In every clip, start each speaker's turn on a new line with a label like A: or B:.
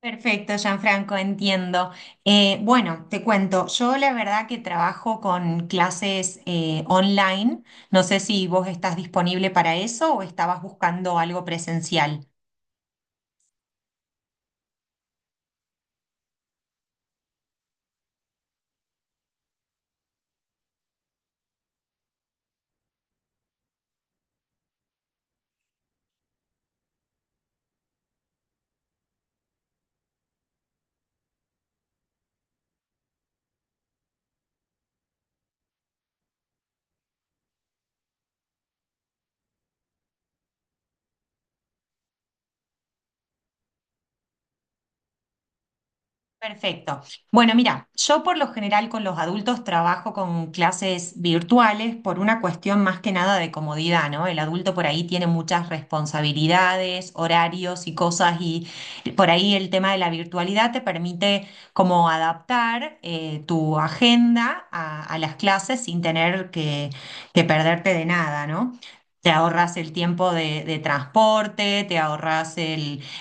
A: Perfecto, Gianfranco, entiendo. Bueno, te cuento, yo la verdad que trabajo con clases online. No sé si vos estás disponible para eso o estabas buscando algo presencial. Perfecto. Bueno, mira, yo por lo general con los adultos trabajo con clases virtuales por una cuestión más que nada de comodidad, ¿no? El adulto por ahí tiene muchas responsabilidades, horarios y cosas, y por ahí el tema de la virtualidad te permite como adaptar tu agenda a las clases sin tener que perderte de nada, ¿no? Te ahorras el tiempo de transporte, te ahorras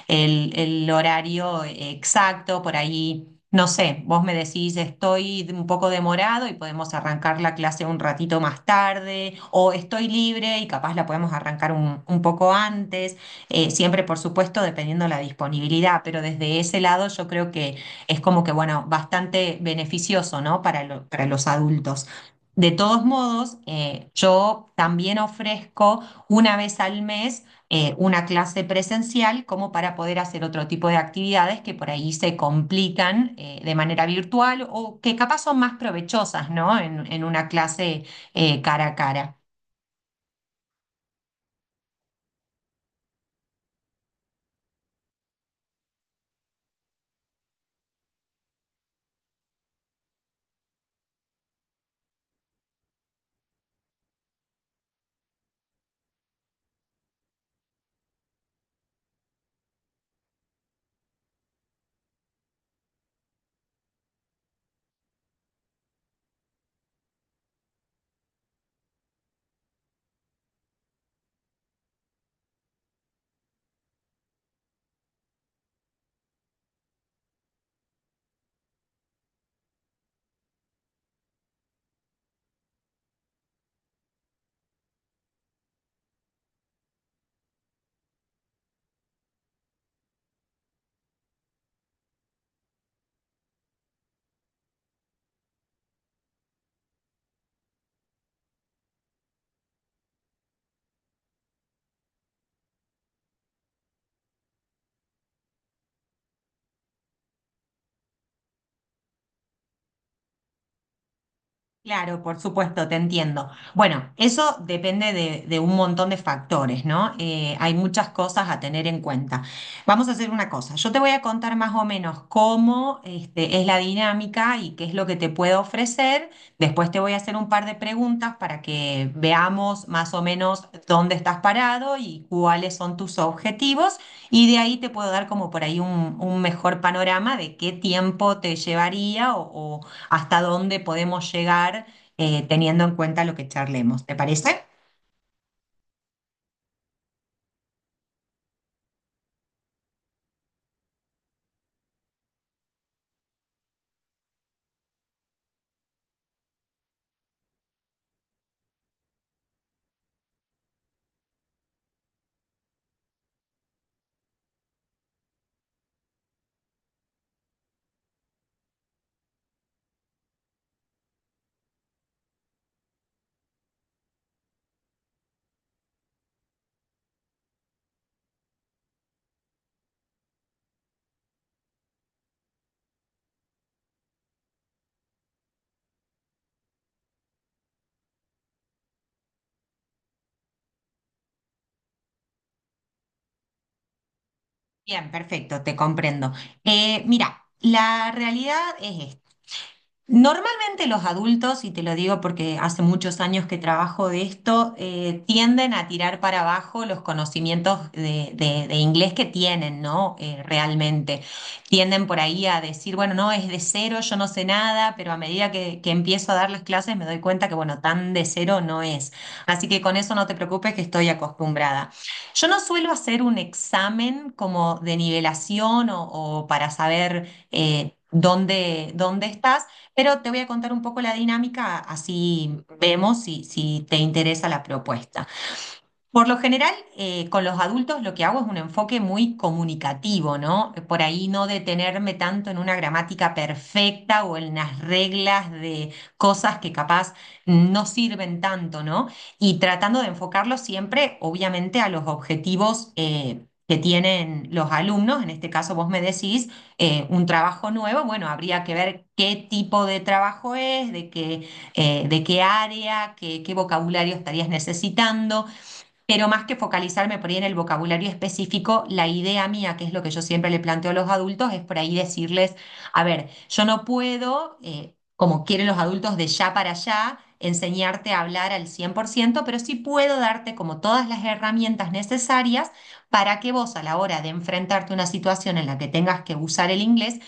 A: el horario exacto, por ahí, no sé, vos me decís estoy un poco demorado y podemos arrancar la clase un ratito más tarde, o estoy libre y capaz la podemos arrancar un poco antes, siempre por supuesto dependiendo la disponibilidad, pero desde ese lado yo creo que es como que, bueno, bastante beneficioso, ¿no? Para, para los adultos. De todos modos, yo también ofrezco una vez al mes una clase presencial como para poder hacer otro tipo de actividades que por ahí se complican de manera virtual o que capaz son más provechosas, ¿no? En una clase cara a cara. Claro, por supuesto, te entiendo. Bueno, eso depende de un montón de factores, ¿no? Hay muchas cosas a tener en cuenta. Vamos a hacer una cosa. Yo te voy a contar más o menos cómo, este, es la dinámica y qué es lo que te puedo ofrecer. Después te voy a hacer un par de preguntas para que veamos más o menos dónde estás parado y cuáles son tus objetivos. Y de ahí te puedo dar como por ahí un mejor panorama de qué tiempo te llevaría o hasta dónde podemos llegar teniendo en cuenta lo que charlemos. ¿Te parece? Bien, perfecto, te comprendo. Mira, la realidad es esta. Normalmente los adultos, y te lo digo porque hace muchos años que trabajo de esto, tienden a tirar para abajo los conocimientos de, de inglés que tienen, ¿no? Realmente. Tienden por ahí a decir, bueno, no, es de cero, yo no sé nada, pero a medida que empiezo a dar las clases me doy cuenta que, bueno, tan de cero no es. Así que con eso no te preocupes que estoy acostumbrada. Yo no suelo hacer un examen como de nivelación o para saber, dónde, dónde estás, pero te voy a contar un poco la dinámica, así vemos si, si te interesa la propuesta. Por lo general, con los adultos lo que hago es un enfoque muy comunicativo, ¿no? Por ahí no detenerme tanto en una gramática perfecta o en las reglas de cosas que capaz no sirven tanto, ¿no? Y tratando de enfocarlo siempre, obviamente, a los objetivos que tienen los alumnos. En este caso, vos me decís un trabajo nuevo, bueno, habría que ver qué tipo de trabajo es, de qué área, qué vocabulario estarías necesitando. Pero más que focalizarme por ahí en el vocabulario específico, la idea mía, que es lo que yo siempre le planteo a los adultos, es por ahí decirles, a ver, yo no puedo, como quieren los adultos de ya para allá, enseñarte a hablar al 100%, pero sí puedo darte como todas las herramientas necesarias para que vos a la hora de enfrentarte a una situación en la que tengas que usar el inglés,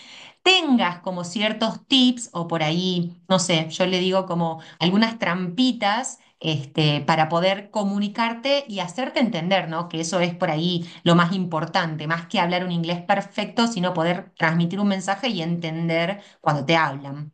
A: tengas como ciertos tips o por ahí, no sé, yo le digo como algunas trampitas. Este, para poder comunicarte y hacerte entender, ¿no? Que eso es por ahí lo más importante, más que hablar un inglés perfecto, sino poder transmitir un mensaje y entender cuando te hablan.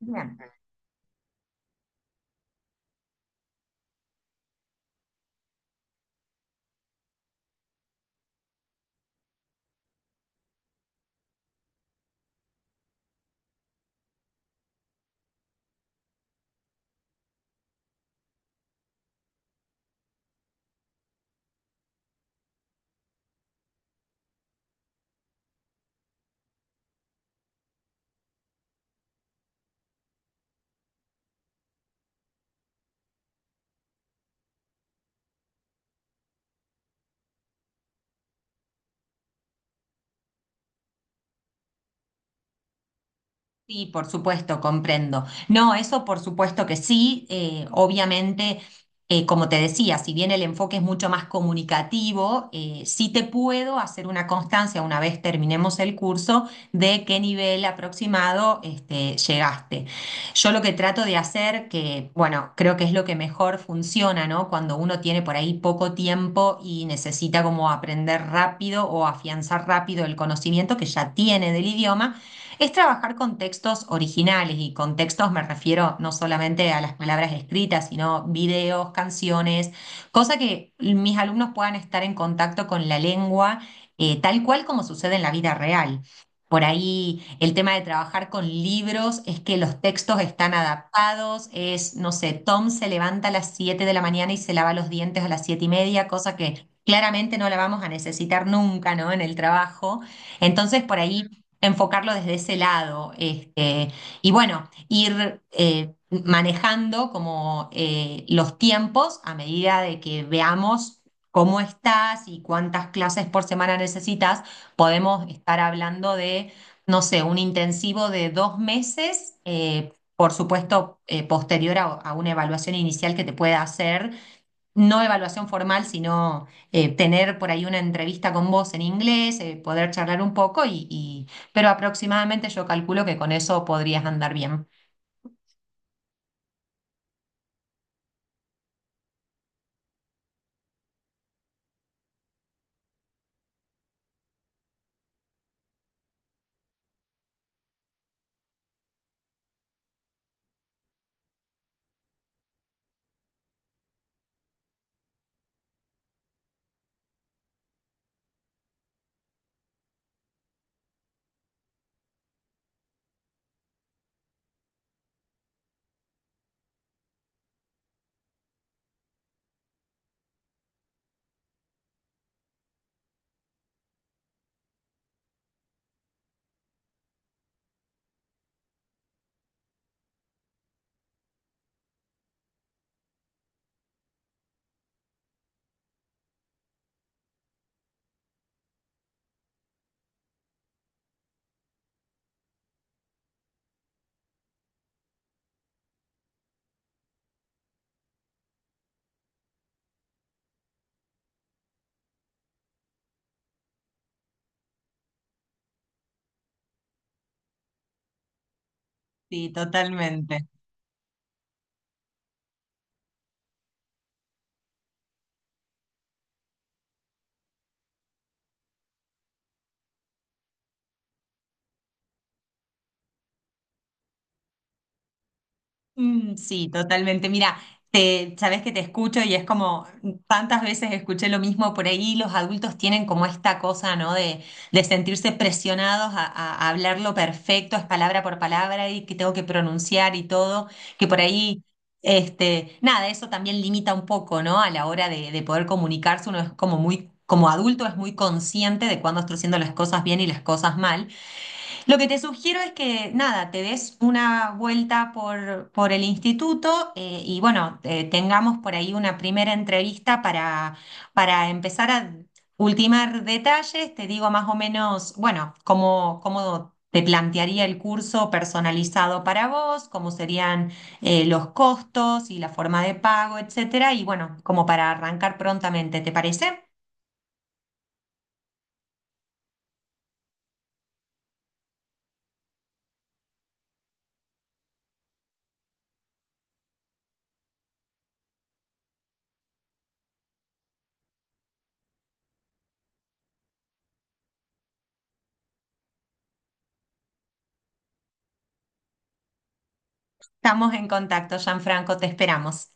A: Bien. Sí, por supuesto, comprendo. No, eso por supuesto que sí. Obviamente, como te decía, si bien el enfoque es mucho más comunicativo, sí te puedo hacer una constancia una vez terminemos el curso de qué nivel aproximado este, llegaste. Yo lo que trato de hacer, que bueno, creo que es lo que mejor funciona, ¿no? Cuando uno tiene por ahí poco tiempo y necesita como aprender rápido o afianzar rápido el conocimiento que ya tiene del idioma es trabajar con textos originales, y con textos me refiero no solamente a las palabras escritas, sino videos, canciones, cosa que mis alumnos puedan estar en contacto con la lengua tal cual como sucede en la vida real. Por ahí el tema de trabajar con libros es que los textos están adaptados, es, no sé, Tom se levanta a las 7 de la mañana y se lava los dientes a las 7 y media, cosa que claramente no la vamos a necesitar nunca, ¿no? En el trabajo. Entonces, por ahí enfocarlo desde ese lado. Este, y bueno, ir manejando como los tiempos a medida de que veamos cómo estás y cuántas clases por semana necesitas, podemos estar hablando de, no sé, un intensivo de dos meses. Por supuesto, posterior a una evaluación inicial que te pueda hacer, no evaluación formal, sino tener por ahí una entrevista con vos en inglés, poder charlar un poco pero aproximadamente yo calculo que con eso podrías andar bien. Sí, totalmente. Mm, sí, totalmente. Mira, te, sabes que te escucho y es como tantas veces escuché lo mismo por ahí. Los adultos tienen como esta cosa, ¿no? De sentirse presionados a, a hablarlo perfecto, es palabra por palabra y que tengo que pronunciar y todo. Que por ahí, este, nada, eso también limita un poco, ¿no? A la hora de poder comunicarse, uno es como muy, como adulto es muy consciente de cuándo está haciendo las cosas bien y las cosas mal. Lo que te sugiero es que, nada, te des una vuelta por el instituto y bueno, tengamos por ahí una primera entrevista para empezar a ultimar detalles. Te digo más o menos, bueno, cómo, cómo te plantearía el curso personalizado para vos, cómo serían los costos y la forma de pago, etcétera. Y bueno, como para arrancar prontamente, ¿te parece? Estamos en contacto, Gianfranco, te esperamos.